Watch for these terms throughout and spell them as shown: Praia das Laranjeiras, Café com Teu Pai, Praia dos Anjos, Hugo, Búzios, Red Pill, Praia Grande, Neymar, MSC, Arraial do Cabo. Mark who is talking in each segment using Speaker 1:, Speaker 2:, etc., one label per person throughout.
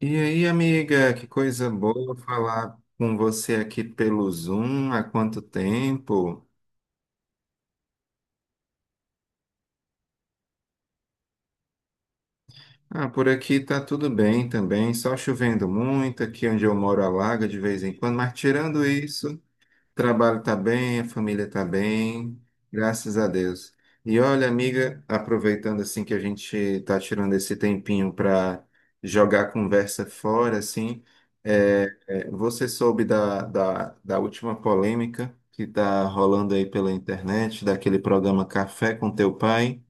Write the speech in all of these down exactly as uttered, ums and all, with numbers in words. Speaker 1: E aí, amiga, que coisa boa falar com você aqui pelo Zoom. Há quanto tempo? Ah, por aqui tá tudo bem também, só chovendo muito. Aqui onde eu moro alaga de vez em quando, mas tirando isso, o trabalho está bem, a família está bem, graças a Deus. E olha, amiga, aproveitando assim que a gente está tirando esse tempinho para jogar a conversa fora, assim, é, é, você soube da, da, da última polêmica que está rolando aí pela internet, daquele programa Café com Teu Pai?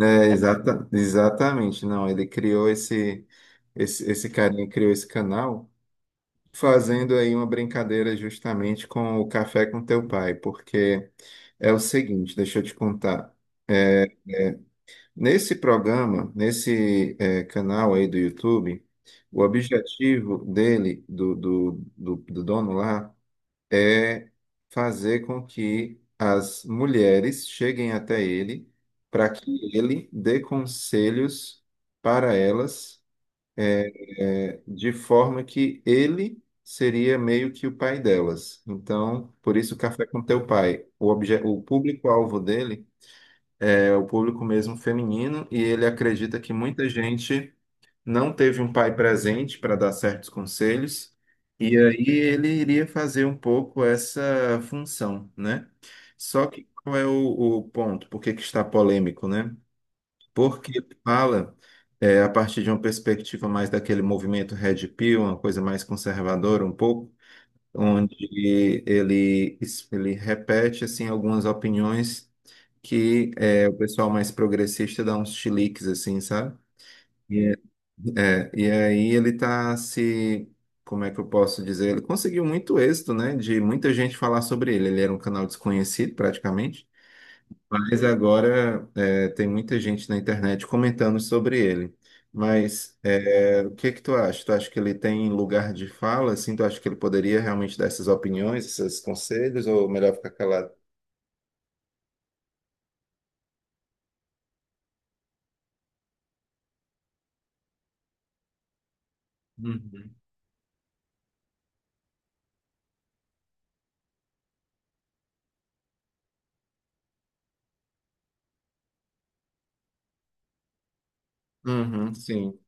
Speaker 1: É, exata, exatamente, não, ele criou esse, esse, esse carinha criou esse canal, fazendo aí uma brincadeira justamente com o Café com Teu Pai, porque é o seguinte, deixa eu te contar. Nesse programa, nesse eh, canal aí do YouTube, o objetivo dele, do, do, do, do dono lá, é fazer com que as mulheres cheguem até ele para que ele dê conselhos para elas, de forma que ele seria meio que o pai delas. Então, por isso Café com Teu Pai. O obje- o público-alvo dele é o público mesmo feminino, e ele acredita que muita gente não teve um pai presente para dar certos conselhos. E aí ele iria fazer um pouco essa função, né? Só que qual é o, o ponto? Por que que está polêmico, né? Porque ele fala é, a partir de uma perspectiva mais daquele movimento Red Pill, uma coisa mais conservadora um pouco, onde ele, ele repete assim algumas opiniões que é, o pessoal mais progressista dá uns chiliques assim, sabe? E, é, e aí ele tá se, como é que eu posso dizer? Ele conseguiu muito êxito, né? De muita gente falar sobre ele. Ele era um canal desconhecido praticamente. Mas agora é, tem muita gente na internet comentando sobre ele. Mas é, o que que tu acha? Tu acha que ele tem lugar de fala? Assim, tu acha que ele poderia realmente dar essas opiniões, esses conselhos, ou melhor ficar calado? Uhum. Uhum, sim,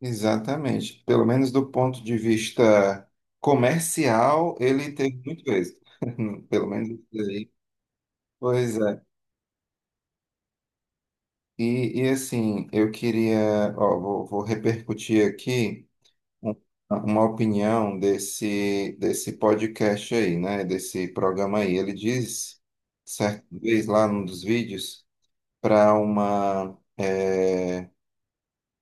Speaker 1: exatamente. Pelo menos do ponto de vista comercial, ele teve muito êxito. Hum, Pelo menos isso aí. Pois é. E, e assim, eu queria, ó, vou, vou repercutir aqui um- uma opinião desse, desse podcast aí, né? Desse programa aí. Ele diz, certa vez lá num dos vídeos, para uma, é,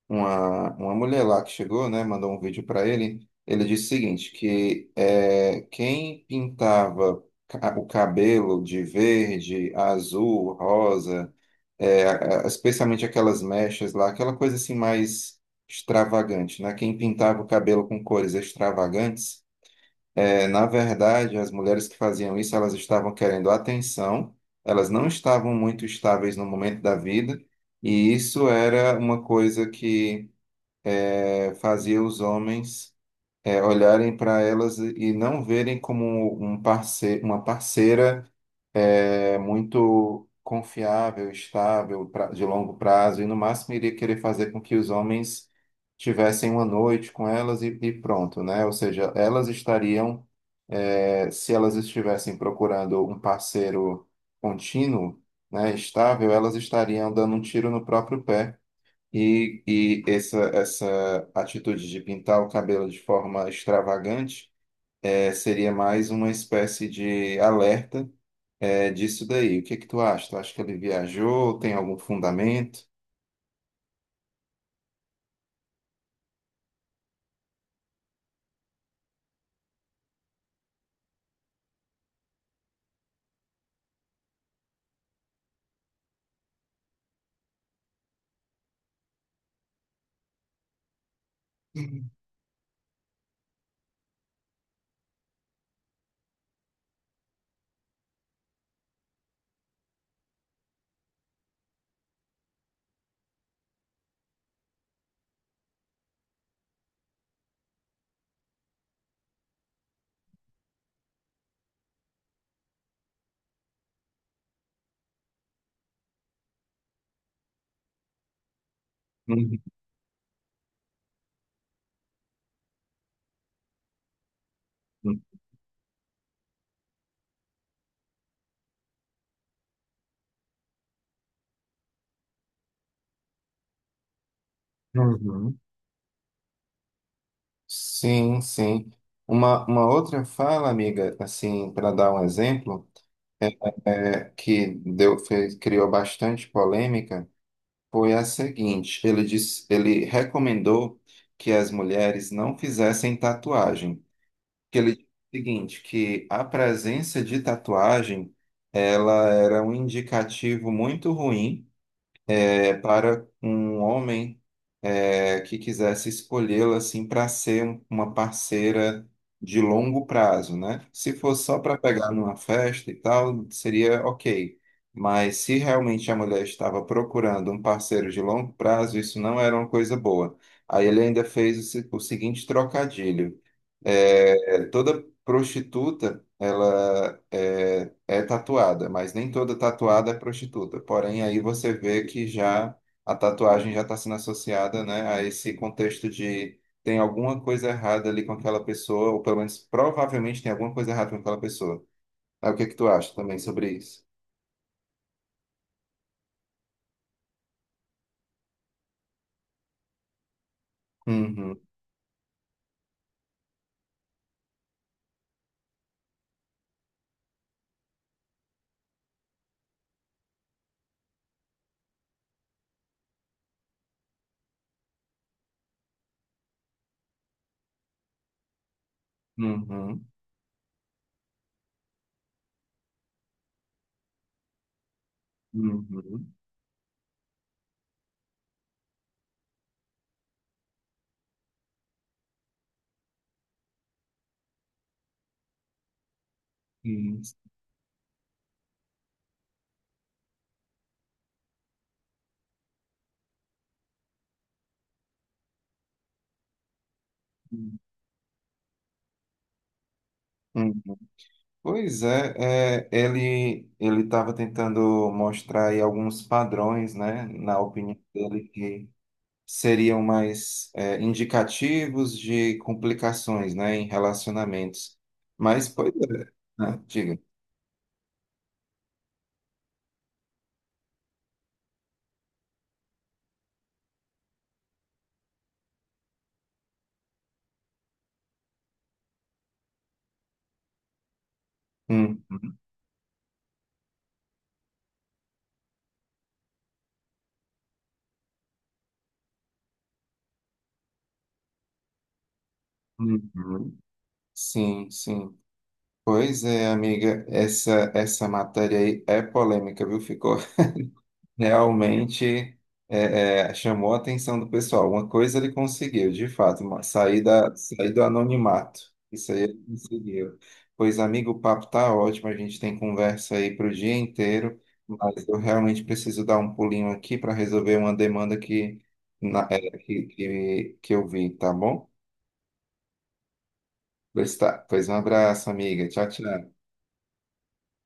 Speaker 1: uma, uma mulher lá que chegou, né? Mandou um vídeo para ele. Ele disse o seguinte, que é, quem pintava ca- o cabelo de verde, azul, rosa, é, a- a- especialmente aquelas mechas lá, aquela coisa assim mais extravagante, né? Quem pintava o cabelo com cores extravagantes, é, na verdade, as mulheres que faziam isso, elas estavam querendo atenção, elas não estavam muito estáveis no momento da vida, e isso era uma coisa que é, fazia os homens é, olharem para elas e não verem como um parceiro, uma parceira é muito confiável, estável, pra- de longo prazo, e no máximo iria querer fazer com que os homens tivessem uma noite com elas e, e pronto, né? Ou seja, elas estariam, é, se elas estivessem procurando um parceiro contínuo, né, estável, elas estariam dando um tiro no próprio pé. E, e essa, essa atitude de pintar o cabelo de forma extravagante é, seria mais uma espécie de alerta é disso daí. O que é que tu acha? Tu acha que ele viajou? Tem algum fundamento? Uhum. Uhum. Sim, sim. Uma, uma outra fala, amiga, assim, para dar um exemplo, é, que deu, fez, criou bastante polêmica, foi a seguinte: ele disse, ele recomendou que as mulheres não fizessem tatuagem. Que ele disse o seguinte, que a presença de tatuagem, ela era um indicativo muito ruim é, para um homem é, que quisesse escolhê-la assim para ser um- uma parceira de longo prazo, né? Se fosse só para pegar numa festa e tal, seria ok. Mas se realmente a mulher estava procurando um parceiro de longo prazo, isso não era uma coisa boa. Aí ele ainda fez o se- o seguinte trocadilho. É, é, toda prostituta, ela é, é tatuada, mas nem toda tatuada é prostituta. Porém, aí você vê que já a tatuagem já está sendo associada, né, a esse contexto de tem alguma coisa errada ali com aquela pessoa, ou pelo menos provavelmente tem alguma coisa errada com aquela pessoa. Aí, o que é que tu acha também sobre isso? Uhum, uhum, uhum, uhum, uhum. Pois é, é, ele ele estava tentando mostrar aí alguns padrões, né, na opinião dele que seriam mais é, indicativos de complicações, né, em relacionamentos. Mas pois é, né, diga. Hum, hum, hum. Sim, sim. Pois é, amiga, essa essa matéria aí é polêmica, viu? Ficou realmente, é, é, chamou a atenção do pessoal. Uma coisa ele conseguiu, de fato, uma- sair da, sair do anonimato. Isso aí ele conseguiu. Pois, amigo, o papo tá ótimo, a gente tem conversa aí para o dia inteiro, mas eu realmente preciso dar um pulinho aqui para resolver uma demanda que, na- é, que, que, que eu vi, tá bom? Pois tá. Pois um abraço, amiga. Tchau, tchau.